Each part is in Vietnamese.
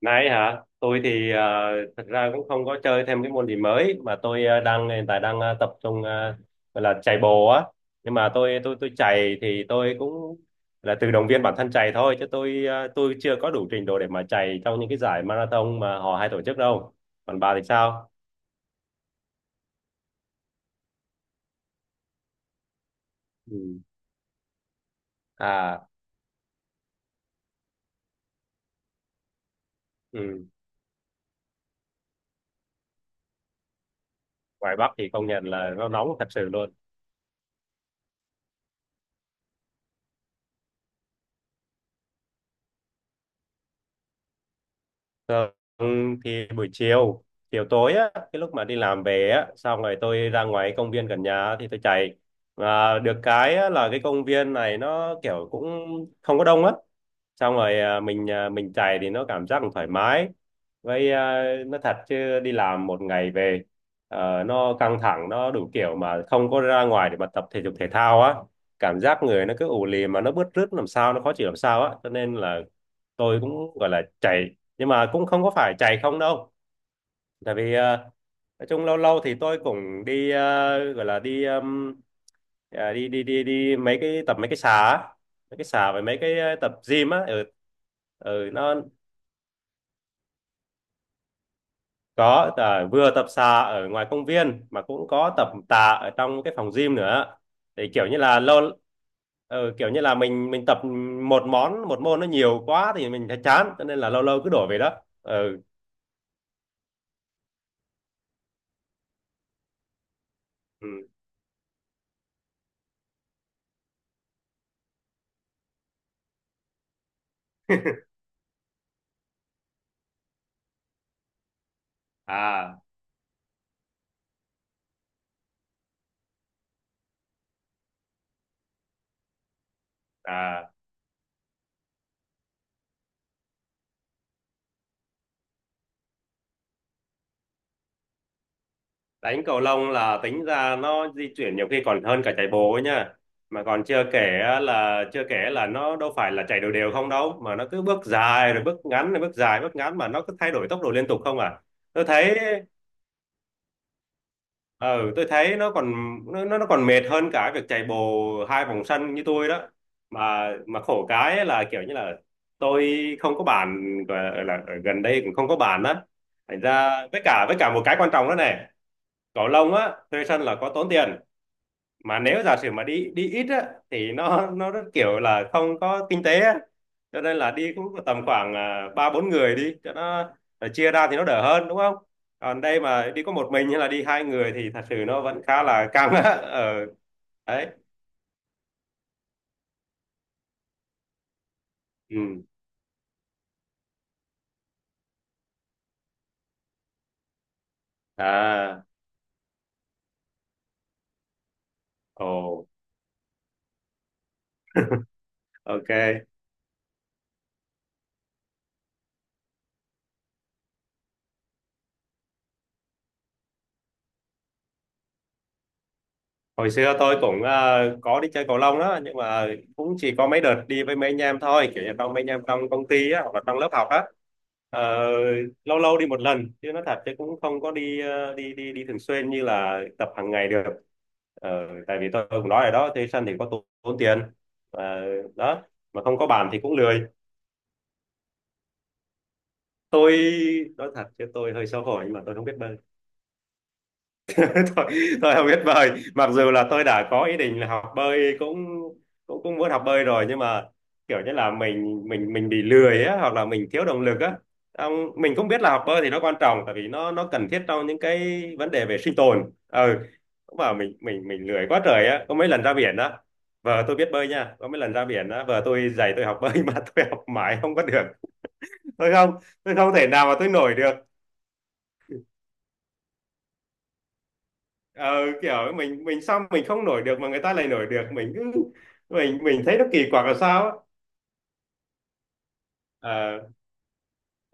Nãy hả? Tôi thì thật ra cũng không có chơi thêm cái môn gì mới mà tôi đang hiện tại đang tập trung gọi là chạy bộ á. Nhưng mà tôi chạy thì tôi cũng là tự động viên bản thân chạy thôi chứ tôi chưa có đủ trình độ để mà chạy trong những cái giải marathon mà họ hay tổ chức đâu. Còn bà thì sao? Ừ. À, ừ. Ngoài Bắc thì công nhận là nó nóng thật sự luôn. Thường thì buổi chiều, chiều tối á, cái lúc mà đi làm về á, xong rồi tôi ra ngoài công viên gần nhà thì tôi chạy. Mà được cái á, là cái công viên này nó kiểu cũng không có đông á. Xong rồi mình chạy thì nó cảm giác thoải mái. Với nó thật chứ đi làm một ngày về nó căng thẳng, nó đủ kiểu mà không có ra ngoài để mà tập thể dục thể thao á. Cảm giác người nó cứ ù lì mà nó bứt rứt làm sao, nó khó chịu làm sao á. Cho nên là tôi cũng gọi là chạy nhưng mà cũng không có phải chạy không đâu, tại vì nói chung lâu lâu thì tôi cũng đi gọi là đi à, đi đi đi đi mấy cái tập mấy cái xà á, mấy cái xà với mấy cái tập gym á ở ở nó có vừa tập xà ở ngoài công viên mà cũng có tập tạ ở trong cái phòng gym nữa, thì kiểu như là mình tập một môn nó nhiều quá thì mình thấy chán, cho nên là lâu lâu cứ đổi về đó. Ừ, ừ. à à Đánh cầu lông là tính ra nó di chuyển nhiều khi còn hơn cả chạy bộ ấy nha, mà còn chưa kể là nó đâu phải là chạy đều đều không đâu, mà nó cứ bước dài rồi bước ngắn rồi bước dài bước ngắn, mà nó cứ thay đổi tốc độ liên tục không à. Tôi thấy ừ tôi thấy nó còn nó còn mệt hơn cả việc chạy bộ hai vòng sân như tôi đó, mà khổ cái ấy là kiểu như là tôi không có bàn, gọi là ở gần đây cũng không có bàn đó, thành ra với cả một cái quan trọng đó này, cầu lông á thuê sân là có tốn tiền, mà nếu giả sử mà đi đi ít á thì nó rất kiểu là không có kinh tế á, cho nên là đi cũng tầm khoảng ba bốn người đi cho nó chia ra thì nó đỡ hơn đúng không. Còn đây mà đi có một mình hay là đi hai người thì thật sự nó vẫn khá là căng á. Ờ Đấy, ừ, à, ồ, ok. Hồi xưa tôi cũng có đi chơi cầu lông đó, nhưng mà cũng chỉ có mấy đợt đi với mấy anh em thôi, kiểu như trong mấy anh em trong công ty á, hoặc là trong lớp học á. Ờ, lâu lâu đi một lần chứ, nó thật chứ cũng không có đi ờ, đi đi đi thường xuyên như là tập hàng ngày được. Tại vì tôi cũng nói rồi đó, thuê sân thì có tốn tiền. Ờ, đó mà không có bàn thì cũng lười. Tôi nói thật chứ tôi hơi xấu hổ nhưng mà tôi không biết bơi. tôi, tôi không biết bơi, mặc dù là tôi đã có ý định là học bơi, cũng cũng cũng muốn học bơi rồi, nhưng mà kiểu như là mình bị lười á, hoặc là mình thiếu động lực á. Ông, mình cũng biết là học bơi thì nó quan trọng, tại vì nó cần thiết trong những cái vấn đề về sinh tồn, ừ, mà mình lười quá trời á, có mấy lần ra biển á, vợ tôi biết bơi nha, có mấy lần ra biển á vợ tôi dạy tôi học bơi mà tôi học mãi không có được. Tôi không tôi không thể nào mà tôi nổi được. ờ, Kiểu mình xong mình không nổi được mà người ta lại nổi được, mình cứ mình thấy nó kỳ quặc là sao á. à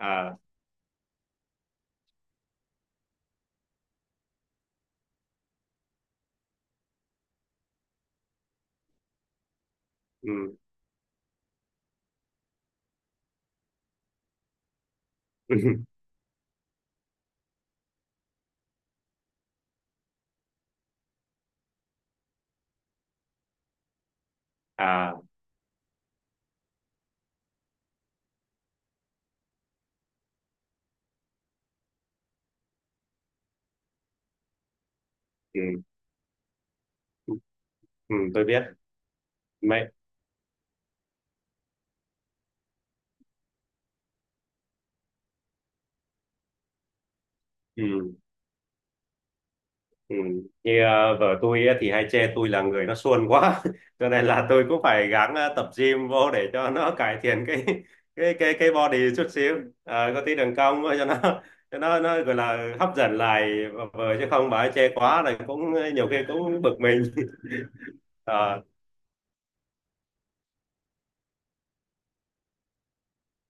à ừ. À, ừ. Ừ, tôi biết. Mẹ. Ừ. Ừ. Như vợ tôi á thì hay chê tôi là người nó suôn quá cho nên là tôi cũng phải gắng tập gym vô để cho nó cải thiện cái body chút xíu. Ờ, có tí đường cong cho nó nó gọi là hấp dẫn lại vợ, chứ không bà ấy chê quá là cũng nhiều khi cũng bực mình. Ờ.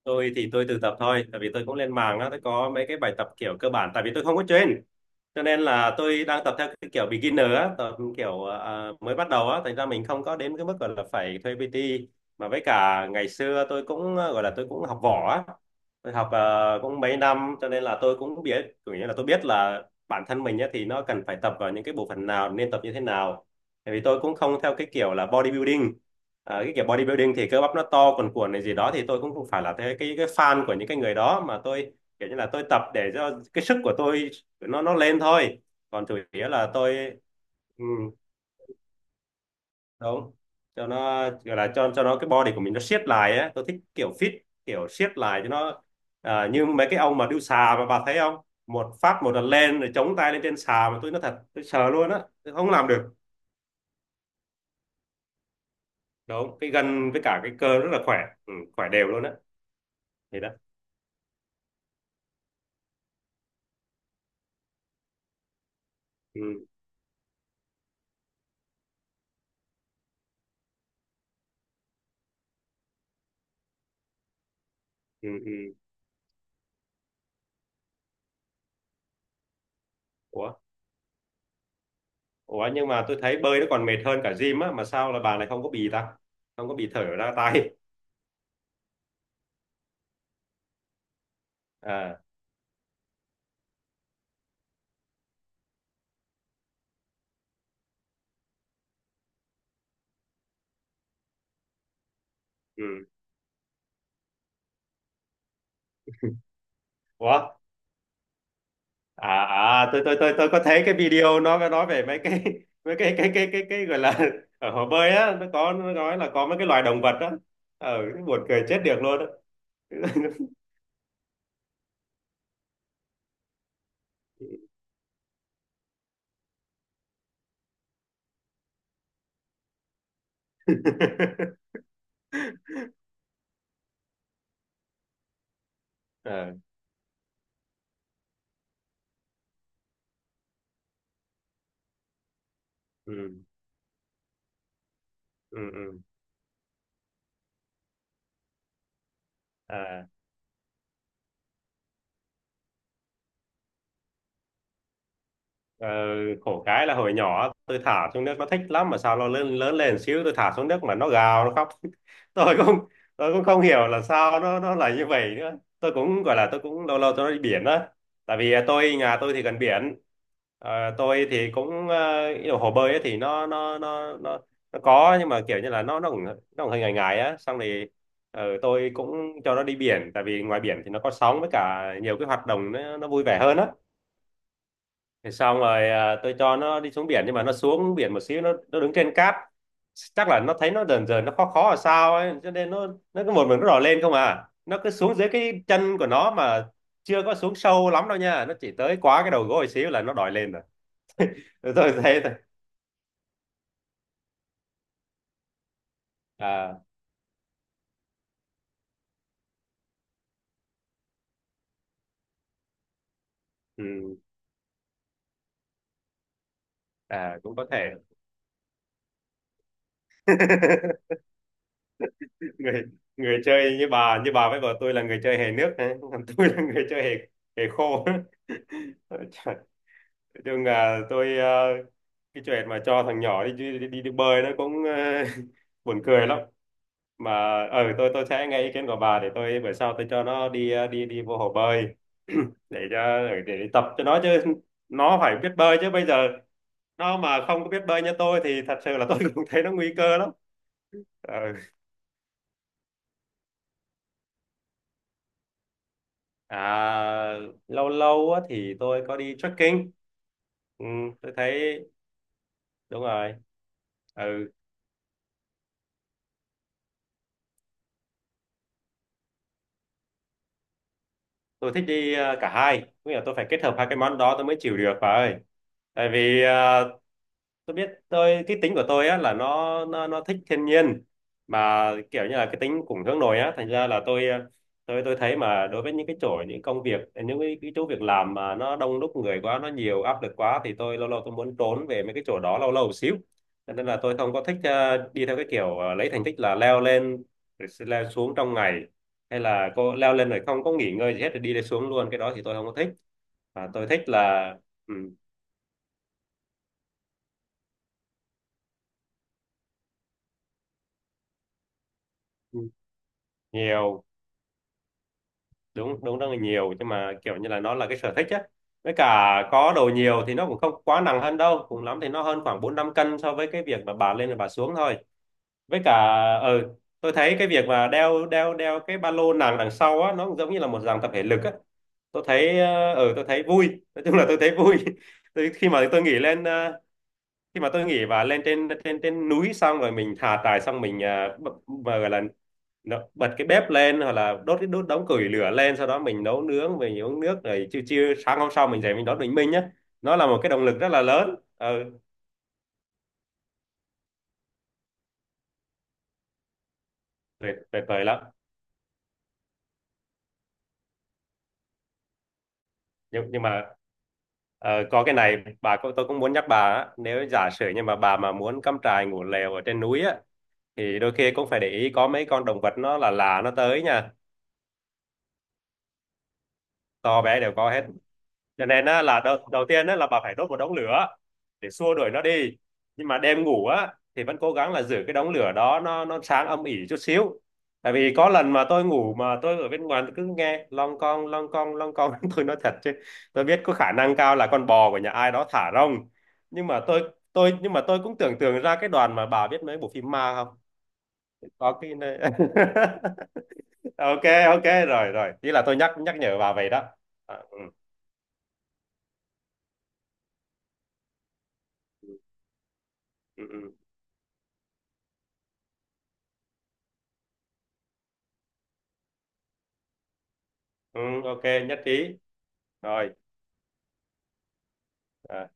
Tôi thì tôi tự tập thôi, tại vì tôi cũng lên mạng á, tôi có mấy cái bài tập kiểu cơ bản, tại vì tôi không có train, cho nên là tôi đang tập theo cái kiểu beginner á, tập kiểu mới bắt đầu á, thành ra mình không có đến cái mức gọi là phải thuê PT. Mà với cả ngày xưa tôi cũng gọi là tôi cũng học võ á, tôi học cũng mấy năm, cho nên là tôi cũng biết kiểu như là tôi biết là bản thân mình á, thì nó cần phải tập vào những cái bộ phận nào, nên tập như thế nào, tại vì tôi cũng không theo cái kiểu là bodybuilding. Cái kiểu bodybuilding thì cơ bắp nó to cuồn cuộn này gì đó, thì tôi cũng không phải là thế, cái fan của những cái người đó, mà tôi kiểu như là tôi tập để cho cái sức của tôi nó lên thôi. Còn chủ yếu là tôi, ừ, đúng, cho nó gọi là cho nó cái body của mình nó siết lại á, tôi thích kiểu fit, kiểu siết lại cho nó, như mấy cái ông mà đu xà mà bà thấy không, một phát một lần lên rồi chống tay lên trên xà mà tôi nói thật tôi sợ luôn á, tôi không làm được. Đúng, cái gân với cả cái cơ rất là khỏe. Ừ, khỏe đều luôn á. Thì đó. Ừ, ừ, ừ. ủa ủa nhưng mà tôi thấy bơi nó còn mệt hơn cả gym á, mà sao là bà này không có bị thở ra tay. À, ừ. Ủa, à tôi có thấy cái video nó có nói về mấy cái mấy cái gọi là ở hồ bơi á, nó có nó nói là có mấy cái loài động vật á, ờ buồn cười chết được luôn á. Ờ, ừ, ừ, ừ, à. Ờ, khổ cái là hồi nhỏ tôi thả xuống nước nó thích lắm, mà sao nó lớn lớn lên xíu tôi thả xuống nước mà nó gào nó khóc tôi cũng tôi cũng không hiểu là sao nó là như vậy nữa. Tôi cũng gọi là tôi cũng lâu lâu tôi đi biển á, tại vì nhà tôi thì gần biển. Ờ, tôi thì cũng ý là hồ bơi ấy thì nó có, nhưng mà kiểu như là nó cũng hơi ngại ngại á, xong thì tôi cũng cho nó đi biển, tại vì ngoài biển thì nó có sóng với cả nhiều cái hoạt động, nó vui vẻ hơn á. Thì xong rồi tôi cho nó đi xuống biển, nhưng mà nó xuống biển một xíu nó đứng trên cát, chắc là nó thấy nó dần dần nó khó khó là sao ấy, cho nên nó cứ một mình nó đỏ lên không à, nó cứ xuống dưới cái chân của nó mà chưa có xuống sâu lắm đâu nha, nó chỉ tới quá cái đầu gối xíu là nó đòi lên rồi. Rồi tôi thấy thôi. À, ừ, à, cũng có thể. người người chơi như bà với vợ tôi là người chơi hề nước đấy, còn tôi là người chơi hề hề khô. Trời. Chung là tôi, cái chuyện mà cho thằng nhỏ đi bơi nó cũng buồn cười lắm. Mà tôi sẽ nghe ý kiến của bà, để tôi bữa sau tôi cho nó đi ờ, đi đi vô hồ bơi, để tập cho nó chứ, nó phải biết bơi chứ, bây giờ nó mà không có biết bơi như tôi thì thật sự là tôi cũng thấy nó nguy cơ lắm. Ờ. À, lâu lâu á thì tôi có đi trekking. Ừ, tôi thấy đúng rồi. Ừ, tôi thích đi cả hai, nghĩa là tôi phải kết hợp hai cái món đó tôi mới chịu được bà ơi. Tại vì tôi biết tôi cái tính của tôi á là nó thích thiên nhiên, mà kiểu như là cái tính cũng hướng nội á, thành ra là tôi tôi thấy mà đối với những cái chỗ, những công việc, những cái chỗ việc làm mà nó đông đúc người quá, nó nhiều áp lực quá, thì tôi lâu lâu tôi muốn trốn về mấy cái chỗ đó lâu lâu một xíu. Cho nên là tôi không có thích đi theo cái kiểu lấy thành tích là leo lên rồi sẽ leo xuống trong ngày, hay là cô leo lên rồi không có nghỉ ngơi gì hết rồi đi lên xuống luôn, cái đó thì tôi không có thích. Và tôi thích là ừ, nhiều. Đúng đúng, rất là nhiều, nhưng mà kiểu như là nó là cái sở thích á. Với cả có đồ nhiều thì nó cũng không quá nặng hơn đâu, cùng lắm thì nó hơn khoảng bốn năm cân so với cái việc mà bà lên rồi bà xuống thôi. Với cả ừ, tôi thấy cái việc mà đeo đeo đeo cái ba lô nặng đằng sau á, nó cũng giống như là một dạng tập thể lực á. Tôi thấy ừ, tôi thấy vui, nói chung là tôi thấy vui. tôi, khi mà tôi nghỉ lên khi mà tôi nghỉ và lên trên trên trên núi xong rồi mình thả trại xong mình uh, bật cái bếp lên, hoặc là đốt cái đống củi lửa lên, sau đó mình nấu nướng, mình uống nước, rồi chiều chiều sáng hôm sau mình dậy mình đón bình minh nhá. Nó là một cái động lực rất là lớn. Ừ, tuyệt tuyệt vời lắm. Nhưng mà có cái này bà cũng- tôi cũng muốn nhắc bà á, nếu giả sử nhưng mà bà mà muốn cắm trại ngủ lều ở trên núi á, thì đôi khi cũng phải để ý có mấy con động vật nó là lạ nó tới nha. To bé đều có hết. Cho nên á, là đầu tiên á, là bà phải đốt một đống lửa để xua đuổi nó đi. Nhưng mà đêm ngủ á thì vẫn cố gắng là giữ cái đống lửa đó nó sáng âm ỉ chút xíu. Tại vì có lần mà tôi ngủ mà tôi ở bên ngoài cứ nghe long con long con long con, tôi nói thật chứ, tôi biết có khả năng cao là con bò của nhà ai đó thả rông. Nhưng mà tôi nhưng mà tôi cũng tưởng tượng ra cái đoàn mà, bà biết mấy bộ phim ma không, có cái nơi- ok, ok rồi rồi, chỉ là tôi nhắc nhắc nhở bà vậy đó. À, ừ, ừ, ừ, ừ, ok, nhất trí rồi à.